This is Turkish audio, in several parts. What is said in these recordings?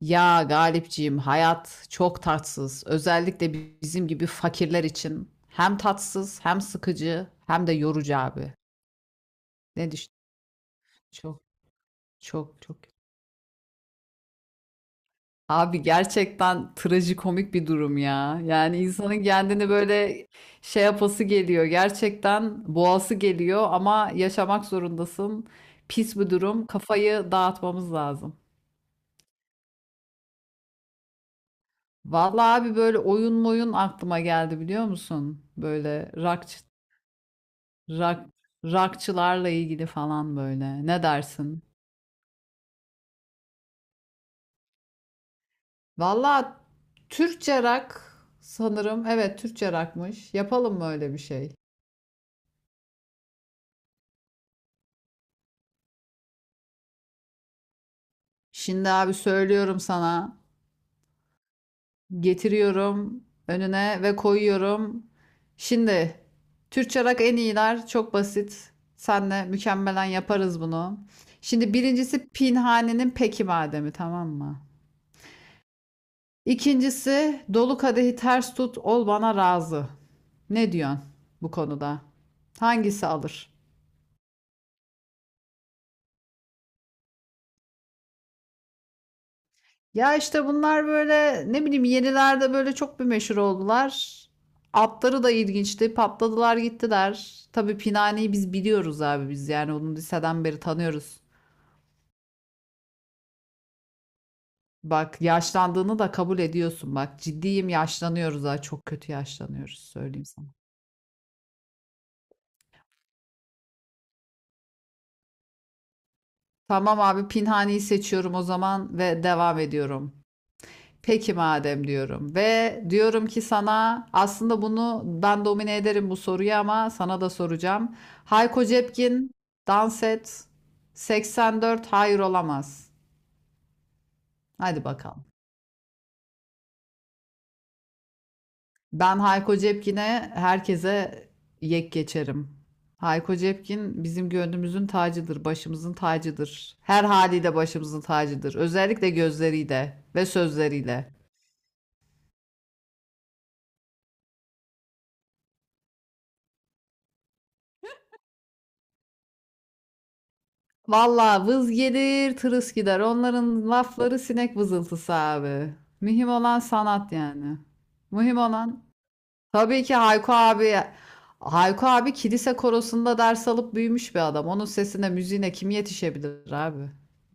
Ya Galipciğim hayat çok tatsız. Özellikle bizim gibi fakirler için hem tatsız hem sıkıcı hem de yorucu abi. Ne düşün? Çok çok çok. Abi gerçekten trajikomik bir durum ya. Yani insanın kendini böyle şey yapası geliyor. Gerçekten boğası geliyor ama yaşamak zorundasın. Pis bir durum. Kafayı dağıtmamız lazım. Vallahi abi böyle oyun moyun aklıma geldi biliyor musun? Böyle Rock, rockçılarla ilgili falan böyle. Ne dersin? Valla Türkçe rock sanırım. Evet Türkçe rockmış. Yapalım mı öyle bir şey? Şimdi abi söylüyorum sana. Getiriyorum önüne ve koyuyorum. Şimdi Türkçe rock en iyiler. Çok basit. Senle mükemmelen yaparız bunu. Şimdi birincisi Pinhani'nin Peki Mademi tamam mı? İkincisi dolu kadehi ters tut ol bana razı. Ne diyorsun bu konuda? Hangisi alır? Ya işte bunlar böyle ne bileyim yenilerde böyle çok bir meşhur oldular. Atları da ilginçti. Patladılar gittiler. Tabii Pinani'yi biz biliyoruz abi biz yani onu liseden beri tanıyoruz. Bak yaşlandığını da kabul ediyorsun bak ciddiyim yaşlanıyoruz ha çok kötü yaşlanıyoruz söyleyeyim sana. Tamam abi Pinhani'yi seçiyorum o zaman ve devam ediyorum. Peki madem diyorum ve diyorum ki sana aslında bunu ben domine ederim bu soruyu ama sana da soracağım. Hayko Cepkin dans et 84 hayır olamaz. Hadi bakalım. Ben Hayko Cepkin'e herkese yek geçerim. Hayko Cepkin bizim gönlümüzün tacıdır, başımızın tacıdır. Her haliyle başımızın tacıdır. Özellikle gözleriyle ve sözleriyle. Valla vız gelir, tırıs gider. Onların lafları sinek vızıltısı abi. Mühim olan sanat yani. Mühim olan. Tabii ki Hayko abi. Hayko abi kilise korosunda ders alıp büyümüş bir adam. Onun sesine, müziğine kim yetişebilir abi?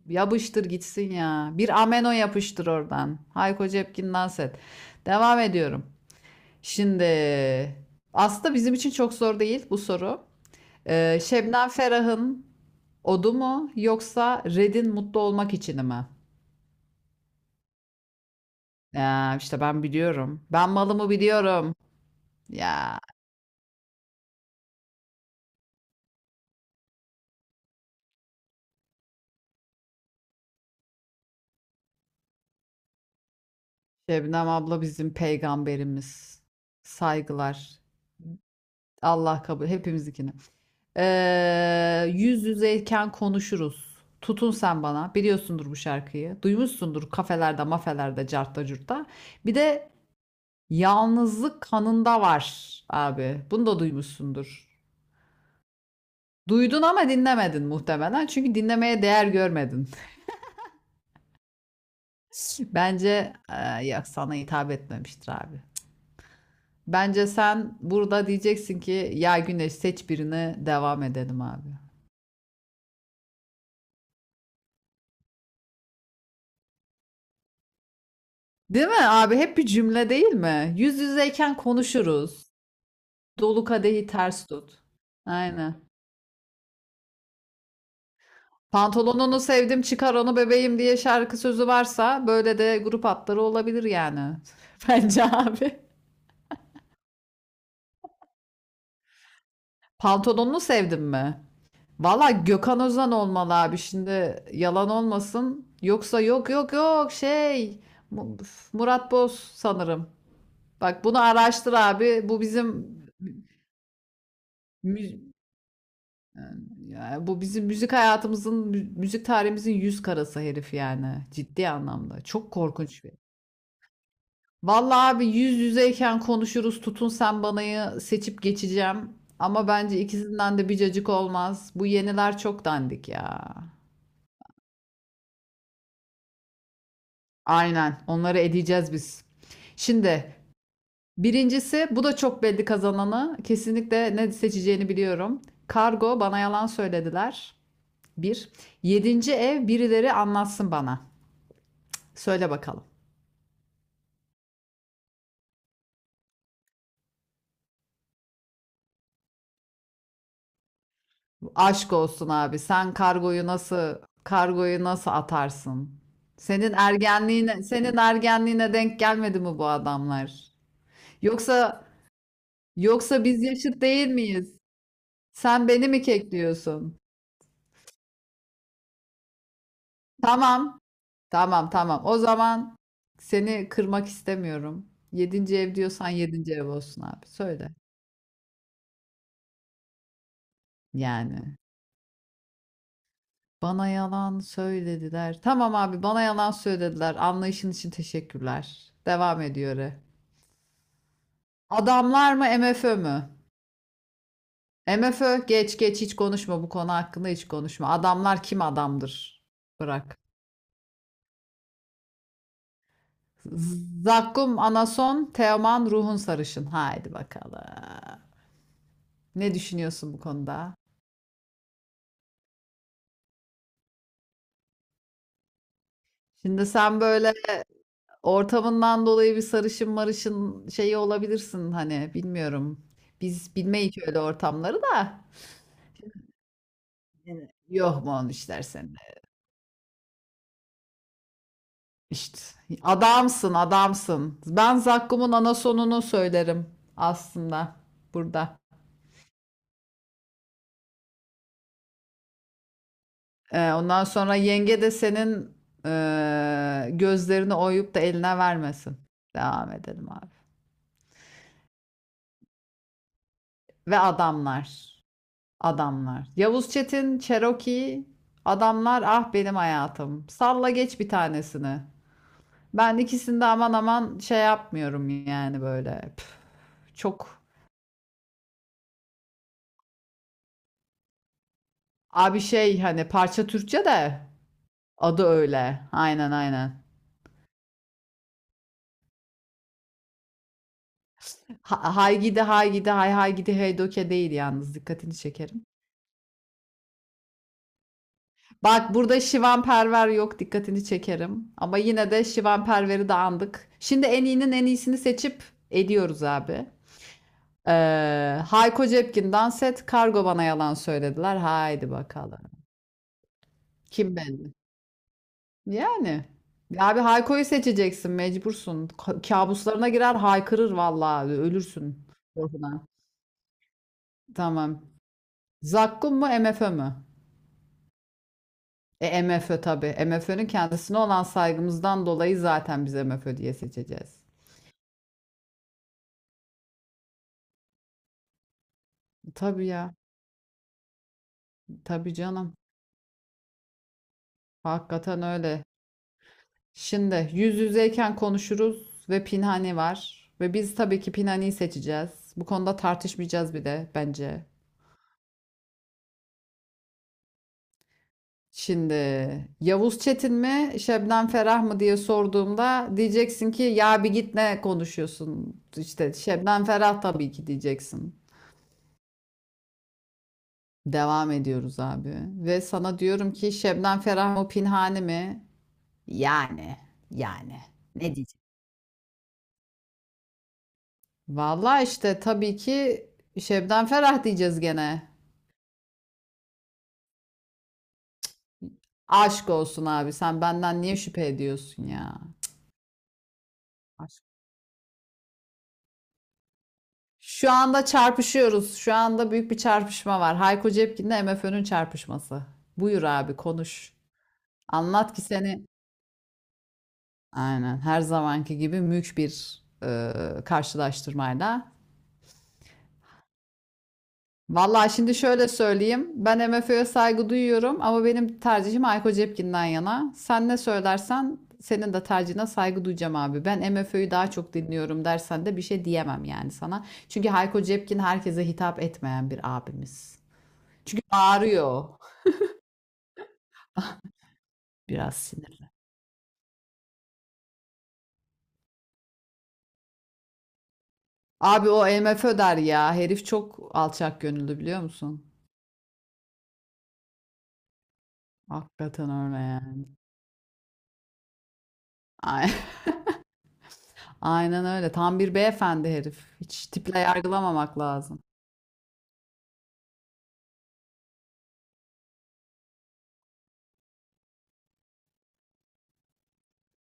Yapıştır gitsin ya. Bir ameno yapıştır oradan. Hayko Cepkin dans et. Devam ediyorum. Şimdi aslında bizim için çok zor değil bu soru. Şebnem Ferah'ın Odu mu yoksa Red'in mutlu olmak için mi? Ya işte ben biliyorum. Ben malımı biliyorum. Ya Şebnem abla bizim peygamberimiz. Saygılar. Allah kabul hepimizinkini. Yüz yüzeyken konuşuruz. Tutun sen bana. Biliyorsundur bu şarkıyı. Duymuşsundur kafelerde, mafelerde, cartta, curtta. Bir de Yalnızlık kanında var abi. Bunu da duymuşsundur. Duydun ama dinlemedin muhtemelen. Çünkü dinlemeye değer görmedin. Bence yok sana hitap etmemiştir abi. Bence sen burada diyeceksin ki ya Güneş seç birine devam edelim abi. Değil mi abi? Hep bir cümle değil mi? Yüz yüzeyken konuşuruz. Dolu kadehi ters tut. Aynen. Pantolonunu sevdim çıkar onu bebeğim diye şarkı sözü varsa böyle de grup hatları olabilir yani. Bence abi. Pantolonunu sevdim mi? Valla Gökhan Özen olmalı abi şimdi yalan olmasın. Yoksa yok yok yok şey Mu- Murat Boz sanırım. Bak bunu araştır abi. Bu bizim mü- yani Yani bu bizim müzik hayatımızın müzik tarihimizin yüz karası herif yani ciddi anlamda. Çok korkunç bir. Valla abi yüz yüzeyken konuşuruz. Tutun sen banayı seçip geçeceğim. Ama bence ikisinden de bir cacık olmaz. Bu yeniler çok dandik ya. Aynen. Onları edeceğiz biz. Şimdi birincisi bu da çok belli kazananı. Kesinlikle ne seçeceğini biliyorum. Kargo bana yalan söylediler. Bir. Yedinci ev birileri anlatsın bana. Söyle bakalım. Aşk olsun abi. Sen kargoyu nasıl kargoyu nasıl atarsın? Senin ergenliğine denk gelmedi mi bu adamlar? Yoksa yoksa biz yaşıt değil miyiz? Sen beni mi kekliyorsun? Tamam. Tamam. O zaman seni kırmak istemiyorum. Yedinci ev diyorsan yedinci ev olsun abi. Söyle. Yani bana yalan söylediler. Tamam abi bana yalan söylediler. Anlayışın için teşekkürler. Devam ediyor. Adamlar mı MFÖ mü? MFÖ geç, hiç konuşma bu konu hakkında hiç konuşma. Adamlar kim adamdır? Bırak. Zakkum Anason, Teoman Ruhun Sarışın. Haydi bakalım. Ne düşünüyorsun bu konuda? Şimdi sen böyle ortamından dolayı bir sarışın marışın şeyi olabilirsin hani bilmiyorum. Biz bilmeyik öyle ortamları da. Evet. Yok mu onun işler seninle? İşte adamsın adamsın. Ben Zakkum'un anasonunu söylerim aslında burada. Ondan sonra yenge de senin gözlerini oyup da eline vermesin. Devam edelim abi. Ve adamlar. Adamlar. Yavuz Çetin, Cherokee, adamlar ah benim hayatım. Salla geç bir tanesini. Ben ikisinde aman aman şey yapmıyorum yani böyle. Püf, çok abi şey hani parça Türkçe de adı öyle. Aynen. Ha, hay gidi hay gidi hay hay gidi hey doke değil yalnız dikkatini çekerim. Bak burada Şivan Perver yok dikkatini çekerim. Ama yine de Şivan Perver'i de andık. Şimdi en iyinin en iyisini seçip ediyoruz abi. Hayko Cepkin'den set kargo bana yalan söylediler. Haydi bakalım. Kim belli? Yani. Ya abi Hayko'yu seçeceksin mecbursun. Kabuslarına girer haykırır vallahi ölürsün korkudan. Tamam. Zakkum mu MFÖ mü? E MFÖ tabii. MFÖ'nün kendisine olan saygımızdan dolayı zaten biz MFÖ diye seçeceğiz. Tabii ya. Tabii canım. Hakikaten öyle. Şimdi yüz yüzeyken konuşuruz ve Pinhani var. Ve biz tabii ki Pinhani'yi seçeceğiz. Bu konuda tartışmayacağız bir de bence. Şimdi Yavuz Çetin mi Şebnem Ferah mı diye sorduğumda diyeceksin ki ya bir git ne konuşuyorsun işte Şebnem Ferah tabii ki diyeceksin. Devam ediyoruz abi ve sana diyorum ki Şebnem Ferah mı Pinhani mi? Yani yani. Ne diyeceğim? Vallahi işte tabii ki Şebnem Ferah diyeceğiz gene. Aşk olsun abi sen benden niye şüphe ediyorsun ya? Aşk. Şu anda çarpışıyoruz. Şu anda büyük bir çarpışma var. Hayko Cepkin'le MFÖ'nün çarpışması. Buyur abi konuş. Anlat ki seni aynen her zamanki gibi mülk bir karşılaştırmayla. Vallahi şimdi şöyle söyleyeyim. Ben MFÖ'ye saygı duyuyorum ama benim tercihim Ayko Cepkin'den yana. Sen ne söylersen senin de tercihine saygı duyacağım abi. Ben MFÖ'yü daha çok dinliyorum dersen de bir şey diyemem yani sana. Çünkü Hayko Cepkin herkese hitap etmeyen bir abimiz. Çünkü bağırıyor biraz sinir. Abi o MFÖ der ya. Herif çok alçak gönüllü biliyor musun? Hakikaten öyle yani. Ay- Aynen öyle. Tam bir beyefendi herif. Hiç tiple yargılamamak lazım.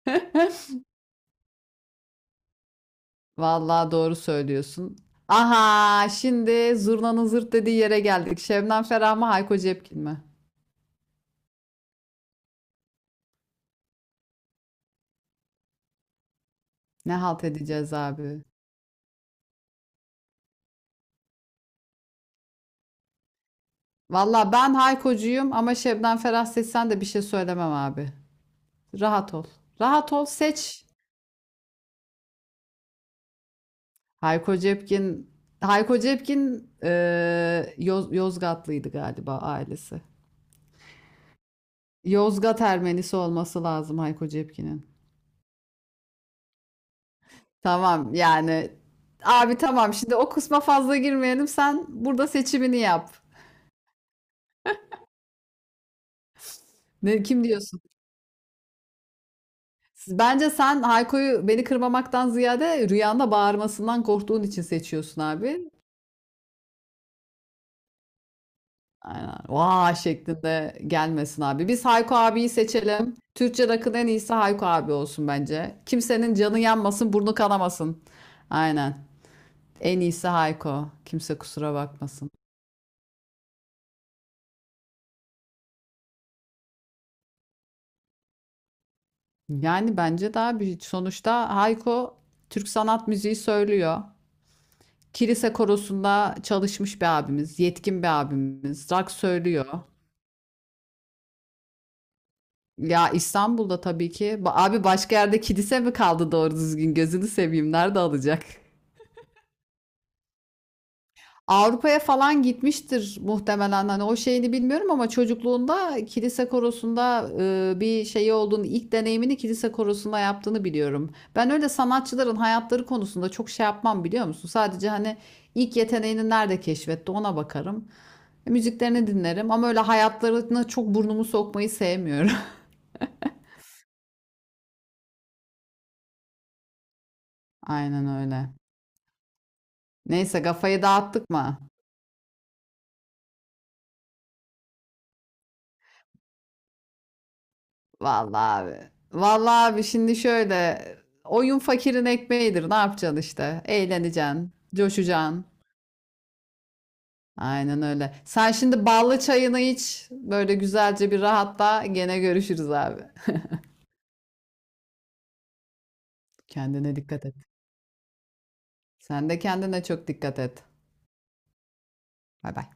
Vallahi doğru söylüyorsun. Aha, şimdi zurnanın zırt dediği yere geldik. Şebnem Ferah mı, Hayko Cepkin mi? Ne halt edeceğiz abi? Vallahi ben Hayko'cuyum ama Şebnem Ferah seçsen de bir şey söylemem abi. Rahat ol. Rahat ol, seç. Hayko Cepkin, Hayko Cepkin Yozgatlıydı galiba ailesi. Yozgat Ermenisi olması lazım Hayko Cepkin'in. Tamam yani abi tamam şimdi o kısma fazla girmeyelim sen burada seçimini yap. Ne, kim diyorsun? Bence sen Hayko'yu beni kırmamaktan ziyade rüyanda bağırmasından korktuğun için seçiyorsun abi. Aynen. Vaa şeklinde gelmesin abi. Biz Hayko abiyi seçelim. Türkçe rock'ın en iyisi Hayko abi olsun bence. Kimsenin canı yanmasın, burnu kanamasın. Aynen. En iyisi Hayko. Kimse kusura bakmasın. Yani bence daha büyük. Sonuçta Hayko Türk sanat müziği söylüyor. Kilise korosunda çalışmış bir abimiz, yetkin bir abimiz. Rock söylüyor. Ya İstanbul'da tabii ki. Abi başka yerde kilise mi kaldı doğru düzgün? Gözünü seveyim. Nerede alacak? Avrupa'ya falan gitmiştir muhtemelen. Hani o şeyini bilmiyorum ama çocukluğunda kilise korosunda bir şeyi olduğunu, ilk deneyimini kilise korosunda yaptığını biliyorum. Ben öyle sanatçıların hayatları konusunda çok şey yapmam biliyor musun? Sadece hani ilk yeteneğini nerede keşfetti ona bakarım. Müziklerini dinlerim ama öyle hayatlarına çok burnumu sokmayı sevmiyorum. Aynen öyle. Neyse kafayı dağıttık mı? Vallahi abi. Vallahi abi şimdi şöyle oyun fakirin ekmeğidir. Ne yapacaksın işte? Eğleneceksin, coşacaksın. Aynen öyle. Sen şimdi ballı çayını iç. Böyle güzelce bir rahatla. Gene görüşürüz abi. Kendine dikkat et. Sen de kendine çok dikkat et. Bay bay.